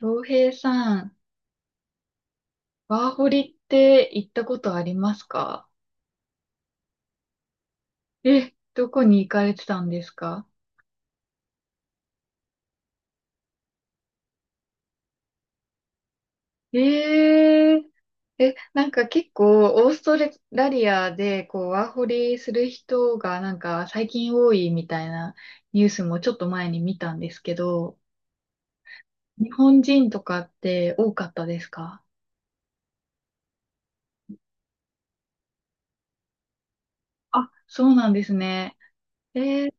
洋平さん、ワーホリって行ったことありますか？え、どこに行かれてたんですか？えー、なんか結構オーストラリアでこうワーホリする人がなんか最近多いみたいなニュースもちょっと前に見たんですけど、日本人とかって多かったですか？あ、そうなんですね。えー、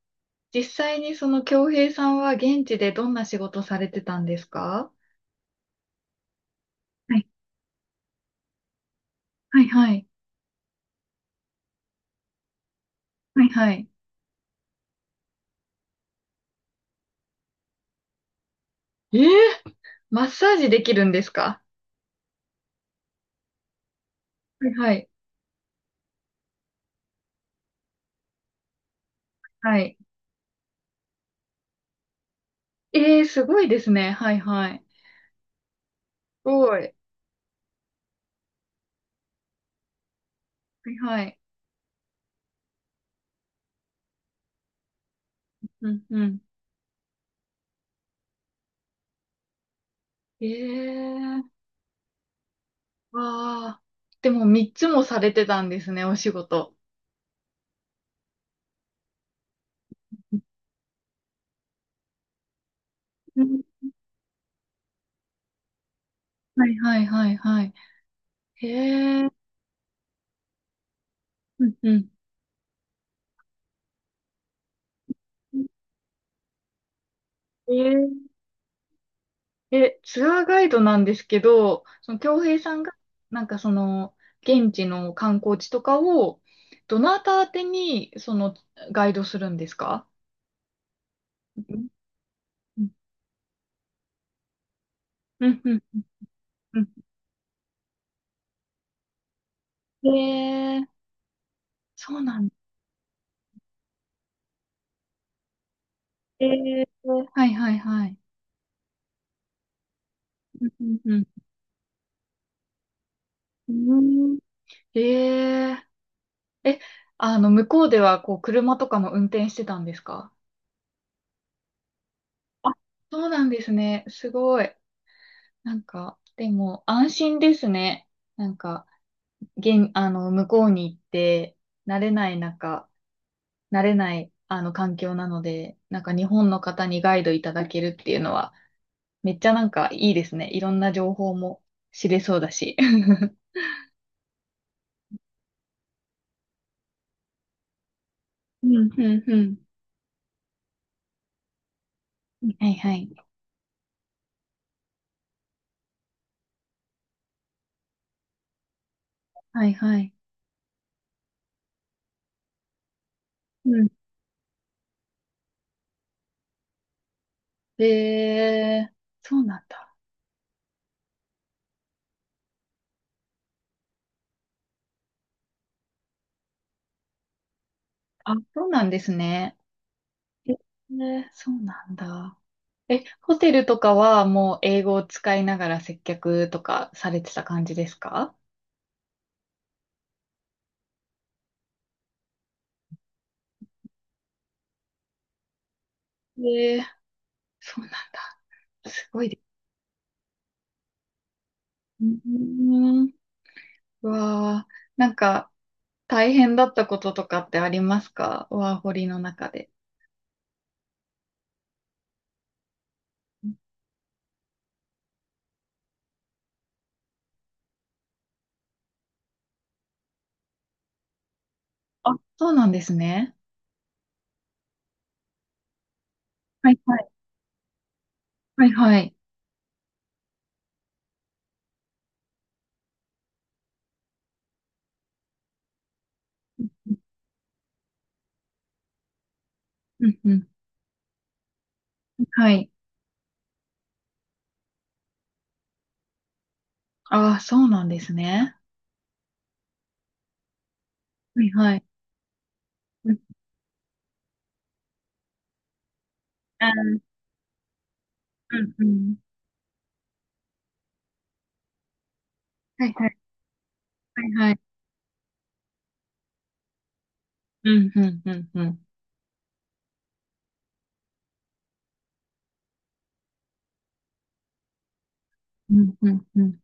実際にその京平さんは現地でどんな仕事されてたんですか？はいはいはい。はいはい。ええ、マッサージできるんですか？はいはい。はい。ええ、すごいですね。はいはい。すごい。はいはい。うんうん。ええ、わあ。でも3つもされてたんですね、お仕事。うん。はいはいはいはい。へえ。うんうん。えー、ツアーガイドなんですけど、その京平さんが、なんかその、現地の観光地とかを、どなた宛てに、その、ガイドするんですか？うんうん、うん、うん。えー、そうなんだ。えー、はいはいはい。うん、うん、うん。うん。えー、え、あの、向こうでは、こう、車とかも運転してたんですか？あ、そうなんですね。すごい。なんか、でも、安心ですね。なんか、現、あの、向こうに行って、慣れない中、慣れない、環境なので、なんか、日本の方にガイドいただけるっていうのは、めっちゃなんかいいですね。いろんな情報も知れそうだし。うん、うん、うん。はいはい。はいはい。うんえー、そうなんだ。あ、そうなんですね。えーそうなんだ。え、ホテルとかはもう英語を使いながら接客とかされてた感じですか？えー、そうなんだ。すごいです。うーん。うわー、なんか大変だったこととかってありますか、ワーホリの中で？あ、そうなんですね。はいはい。はいはい。うんうん。はい。ああ、そうなんですね。はいはい。うん、あー、うんうん。はいはい。はいはい。うんうんうんうん。うんうんうん。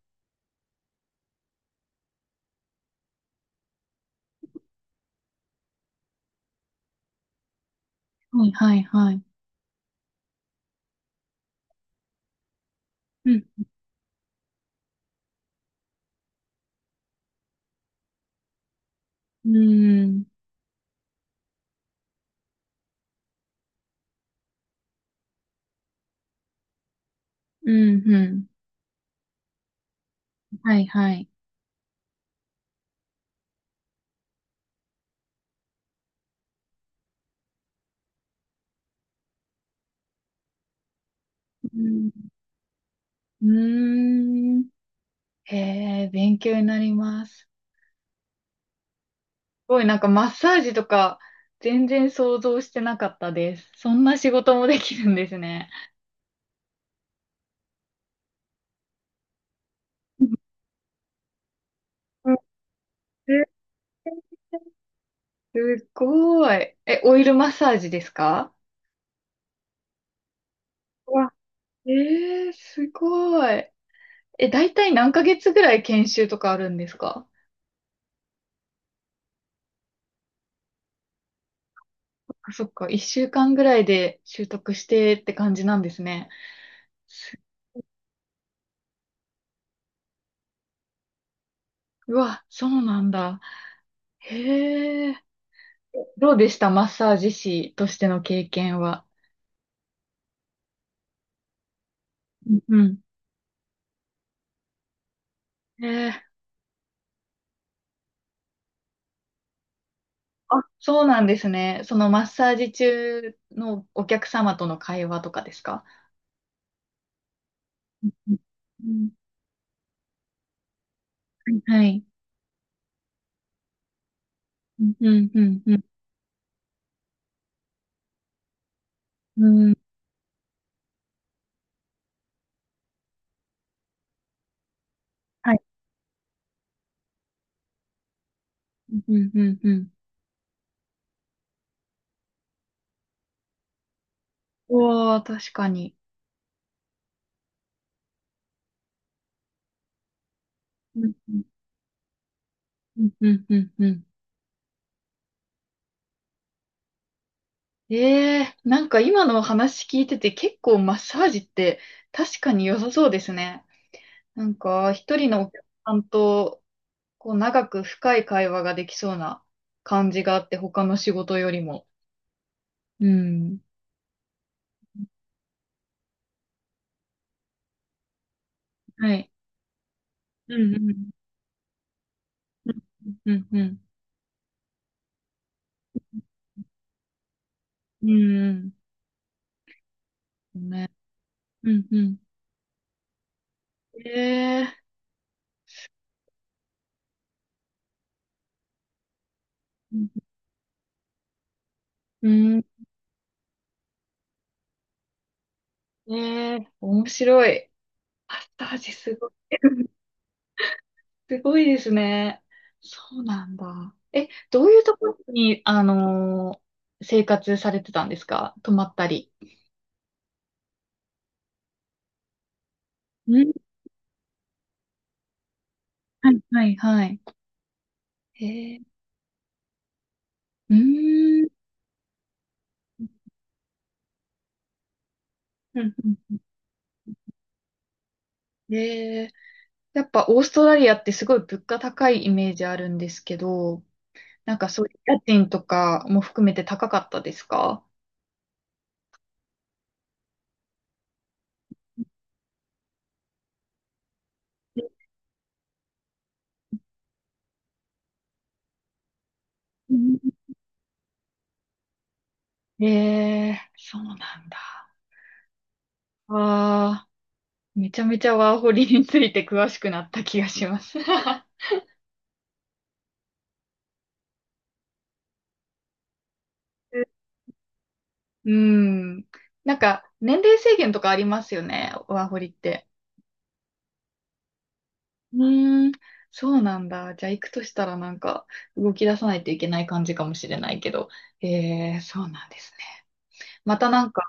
はいはいはい。うん。うーん。うんうん。はいはい。うん。うーん。へえ、勉強になります。すごい、なんかマッサージとか全然想像してなかったです。そんな仕事もできるんですね。うんうん、すごい。え、オイルマッサージですか？うわ、えすごい。え、だいたい何ヶ月ぐらい研修とかあるんですか？あ、そっか。一週間ぐらいで習得してって感じなんですね。すうわ、そうなんだ。へえ。どうでした、マッサージ師としての経験は？うんうん。えー、あ、そうなんですね。そのマッサージ中のお客様との会話とかですか？うんうん、はい。うん、うん、うん、うん、うん、はい。うん、うん、うん。うわー、確かに。うん、うん、うん、うん、うん。ええー、なんか今の話聞いてて結構マッサージって確かに良さそうですね。なんか一人のお客さんとこう長く深い会話ができそうな感じがあって他の仕事よりも。うん。はい。うん、うん。うん、うん、うん。うん、うん。ね。うん、うん。ええー。うん、うん。ねえ、面白い。パスタ味すごい。すごいですね。そうなんだ。え、どういうところに、生活されてたんですか？泊まったり。うん。はい、はい、はい。へえ。うーん。うんうん。へえ。やっぱオーストラリアってすごい物価高いイメージあるんですけど、なんかそういう家賃とかも含めて高かったですか？うん。へえ、そうなんだ。ああ。めちゃめちゃワーホリについて詳しくなった気がします。うん。なんか、年齢制限とかありますよね、ワーホリって。うーん。そうなんだ。じゃあ行くとしたらなんか動き出さないといけない感じかもしれないけど。そうなんですね。またなんか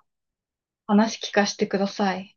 話聞かせてください。